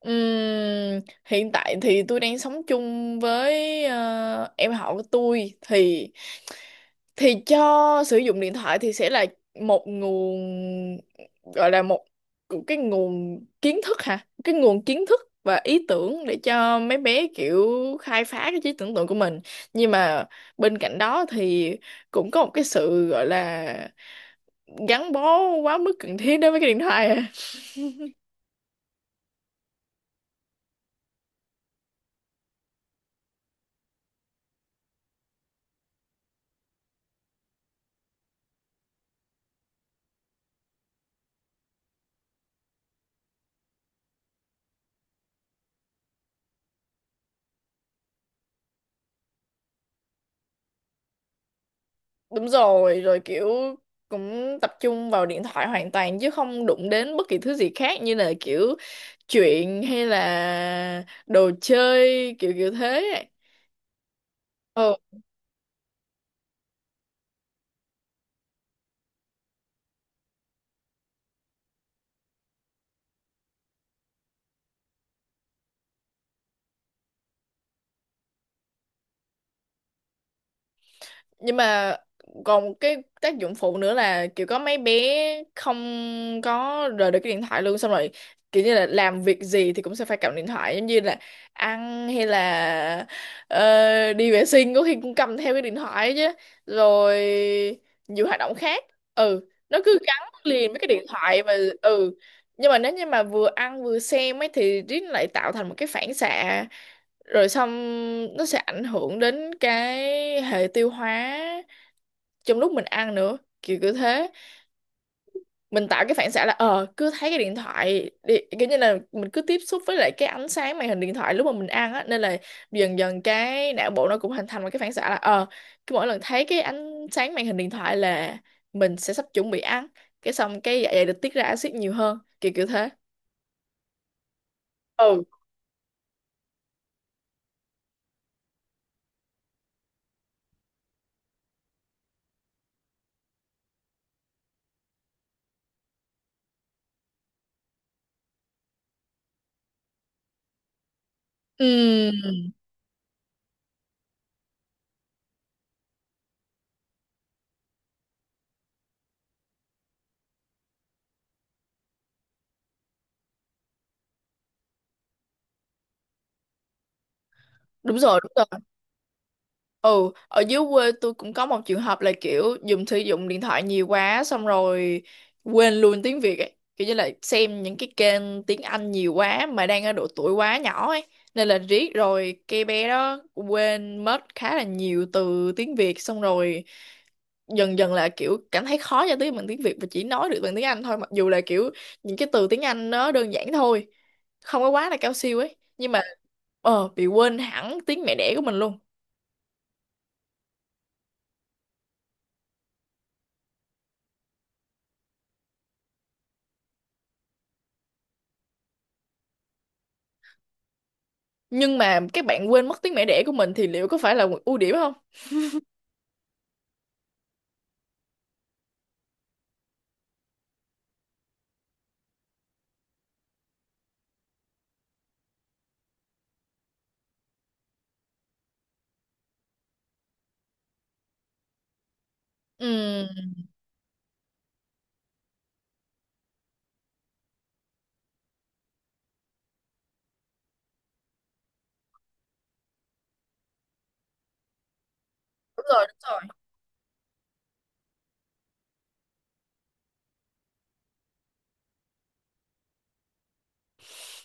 Hiện tại thì tôi đang sống chung với em họ của tôi thì cho sử dụng điện thoại thì sẽ là một nguồn gọi là một cái nguồn kiến thức hả, cái nguồn kiến thức và ý tưởng để cho mấy bé kiểu khai phá cái trí tưởng tượng của mình. Nhưng mà bên cạnh đó thì cũng có một cái sự gọi là gắn bó quá mức cần thiết đối với cái điện thoại à. Đúng rồi rồi, kiểu cũng tập trung vào điện thoại hoàn toàn chứ không đụng đến bất kỳ thứ gì khác như là kiểu chuyện hay là đồ chơi kiểu kiểu thế. Ờ, nhưng mà còn một cái tác dụng phụ nữa là kiểu có mấy bé không có rời được cái điện thoại luôn, xong rồi kiểu như là làm việc gì thì cũng sẽ phải cầm điện thoại, giống như là ăn hay là đi vệ sinh có khi cũng cầm theo cái điện thoại, chứ rồi nhiều hoạt động khác ừ nó cứ gắn liền với cái điện thoại. Và ừ, nhưng mà nếu như mà vừa ăn vừa xem ấy thì riết lại tạo thành một cái phản xạ, rồi xong nó sẽ ảnh hưởng đến cái hệ tiêu hóa trong lúc mình ăn nữa, kiểu cứ thế mình tạo cái phản xạ là ờ cứ thấy cái điện thoại đi, kiểu như là mình cứ tiếp xúc với lại cái ánh sáng màn hình điện thoại lúc mà mình ăn á, nên là dần dần cái não bộ nó cũng hình thành một cái phản xạ là ờ cứ mỗi lần thấy cái ánh sáng màn hình điện thoại là mình sẽ sắp chuẩn bị ăn, cái xong cái dạ dày được tiết ra axit nhiều hơn, kiểu kiểu thế. Ừ. Ừm, đúng rồi đúng. Ừ, ở dưới quê tôi cũng có một trường hợp là kiểu dùng sử dụng điện thoại nhiều quá, xong rồi quên luôn tiếng Việt ấy. Kiểu như là xem những cái kênh tiếng Anh nhiều quá mà đang ở độ tuổi quá nhỏ ấy. Nên là riết rồi cái bé đó quên mất khá là nhiều từ tiếng Việt, xong rồi dần dần là kiểu cảm thấy khó giao tiếp bằng tiếng Việt và chỉ nói được bằng tiếng Anh thôi, mặc dù là kiểu những cái từ tiếng Anh nó đơn giản thôi. Không có quá là cao siêu ấy. Nhưng mà ờ bị quên hẳn tiếng mẹ đẻ của mình luôn. Nhưng mà các bạn quên mất tiếng mẹ đẻ của mình thì liệu có phải là một ưu điểm không? Ừ, đúng rồi đúng rồi.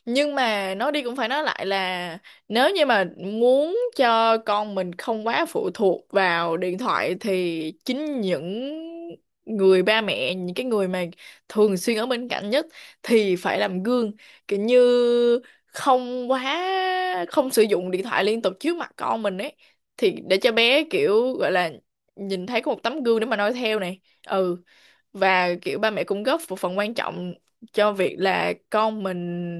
Nhưng mà nói đi cũng phải nói lại là nếu như mà muốn cho con mình không quá phụ thuộc vào điện thoại thì chính những người ba mẹ, những cái người mà thường xuyên ở bên cạnh nhất thì phải làm gương, kiểu như không quá, không sử dụng điện thoại liên tục trước mặt con mình ấy, thì để cho bé kiểu gọi là nhìn thấy có một tấm gương để mà noi theo này. Ừ, và kiểu ba mẹ cũng góp một phần quan trọng cho việc là con mình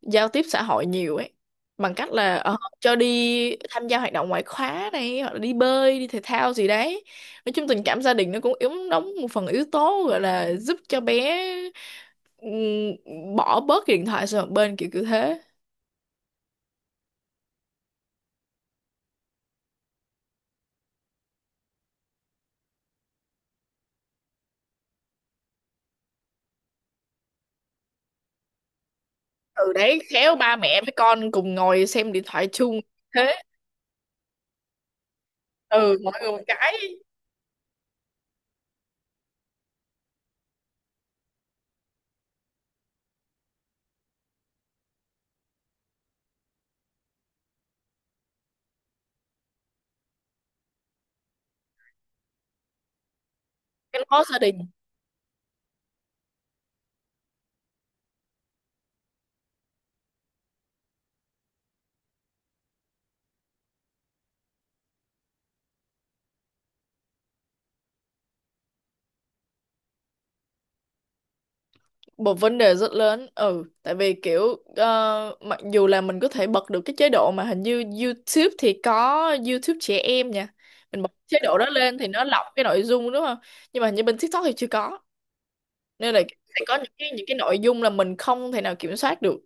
giao tiếp xã hội nhiều ấy, bằng cách là cho đi tham gia hoạt động ngoại khóa này hoặc là đi bơi đi thể thao gì đấy. Nói chung tình cảm gia đình nó cũng yếu, đóng một phần yếu tố gọi là giúp cho bé ừm, bỏ bớt cái điện thoại sang một bên, kiểu kiểu thế. Từ đấy khéo ba mẹ với con cùng ngồi xem điện thoại chung. Thế ừ mọi người một cái gắn bó gia đình. Một vấn đề rất lớn, ừ tại vì kiểu mặc dù là mình có thể bật được cái chế độ mà hình như YouTube thì có, YouTube trẻ em nha. Mình bật chế độ đó lên thì nó lọc cái nội dung đúng không, nhưng mà hình như bên TikTok thì chưa có, nên là sẽ có những cái nội dung là mình không thể nào kiểm soát được.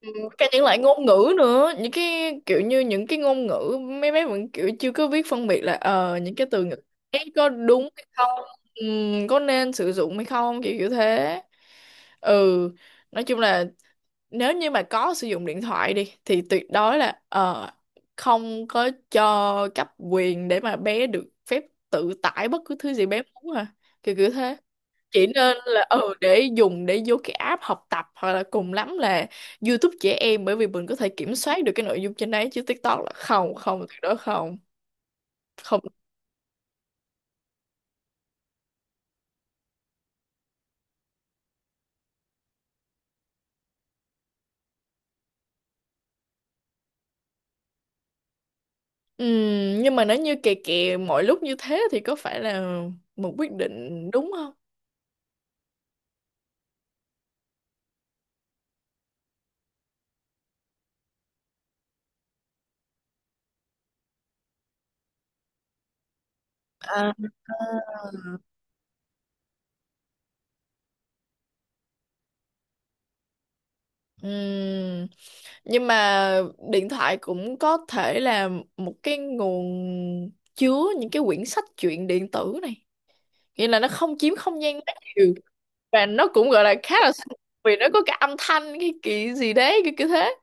Ừ, cả những loại ngôn ngữ nữa, những cái kiểu như những cái ngôn ngữ mấy bé vẫn kiểu chưa có biết phân biệt là ờ những cái từ ngữ ấy có đúng hay không, ừ, có nên sử dụng hay không, kiểu kiểu thế. Ừ, nói chung là nếu như mà có sử dụng điện thoại đi thì tuyệt đối là không có cho cấp quyền để mà bé được phép tự tải bất cứ thứ gì bé muốn à, kiểu kiểu thế. Chỉ nên là ừ để dùng để vô cái app học tập, hoặc là cùng lắm là YouTube trẻ em, bởi vì mình có thể kiểm soát được cái nội dung trên đấy, chứ TikTok là không, không tuyệt đối không không. Nhưng mà nếu như kè kè mọi lúc như thế thì có phải là một quyết định đúng không? À. Ừm, nhưng mà điện thoại cũng có thể là một cái nguồn chứa những cái quyển sách truyện điện tử này, nghĩa là nó không chiếm không gian quá nhiều, và nó cũng gọi là khá là sạch, vì nó có cái âm thanh cái kỳ gì đấy cái kiểu thế.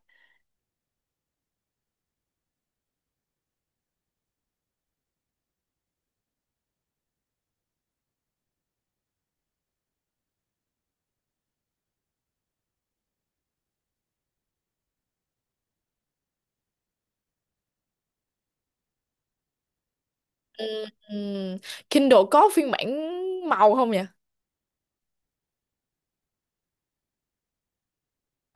Ừm, ừm. Kindle có phiên bản màu không nhỉ?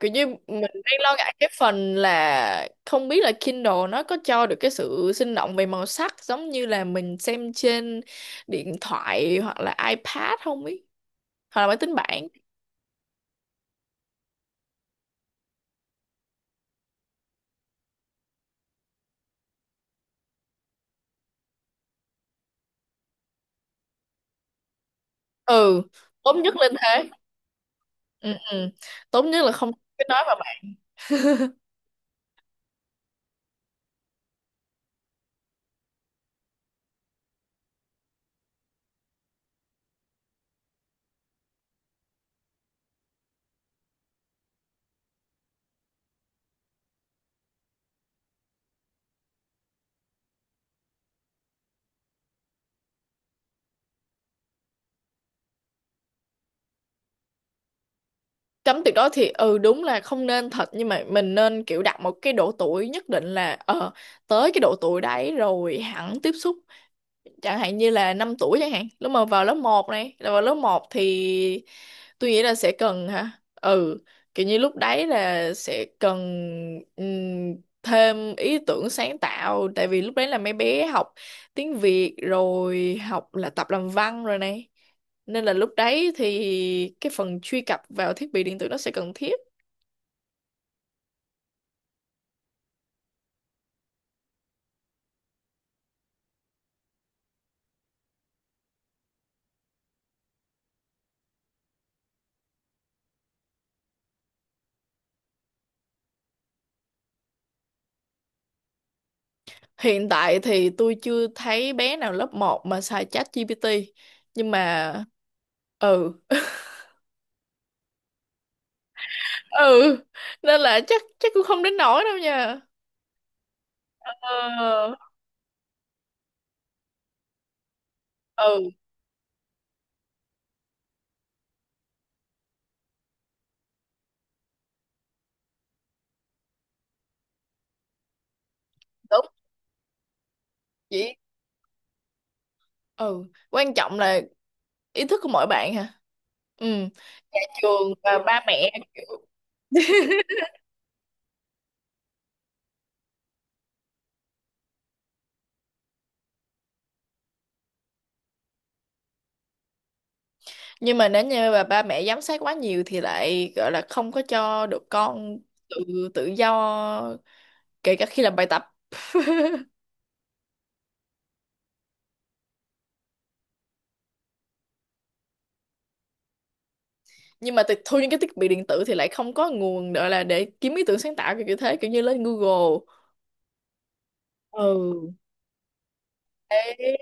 Kiểu như mình đang lo ngại cái phần là không biết là Kindle nó có cho được cái sự sinh động về màu sắc giống như là mình xem trên điện thoại hoặc là iPad không ý, hoặc là máy tính bảng. Ừ, tốt nhất lên thế. Ừ, ừ. Tốt nhất là không cái nói mà bạn. Cấm tuyệt đối thì ừ đúng là không nên thật, nhưng mà mình nên kiểu đặt một cái độ tuổi nhất định là ờ tới cái độ tuổi đấy rồi hẳn tiếp xúc, chẳng hạn như là 5 tuổi chẳng hạn, lúc mà vào lớp 1 này, là vào lớp 1 thì tôi nghĩ là sẽ cần hả. Ừ, kiểu như lúc đấy là sẽ cần ừm, thêm ý tưởng sáng tạo, tại vì lúc đấy là mấy bé học tiếng Việt rồi học là tập làm văn rồi này, nên là lúc đấy thì cái phần truy cập vào thiết bị điện tử nó sẽ cần thiết. Hiện tại thì tôi chưa thấy bé nào lớp 1 mà xài chat GPT, nhưng mà ừ ừ nên là chắc chắc cũng không đến nỗi đâu nha. Ờ ừ đúng chỉ ừ. Quan trọng là ý thức của mỗi bạn hả. Ừ, trường và ba mẹ. Nhưng mà nếu như mà ba mẹ giám sát quá nhiều thì lại gọi là không có cho được con tự tự do, kể cả khi làm bài tập. Nhưng mà tịch thu những cái thiết bị điện tử thì lại không có nguồn gọi là để kiếm ý tưởng sáng tạo, kiểu như thế, kiểu như lên Google. Ừ. Đấy.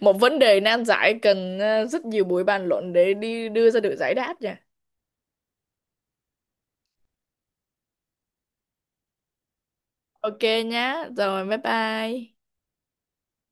Một vấn đề nan giải cần rất nhiều buổi bàn luận để đi đưa ra được giải đáp nha. Ok nhá. Rồi bye bye.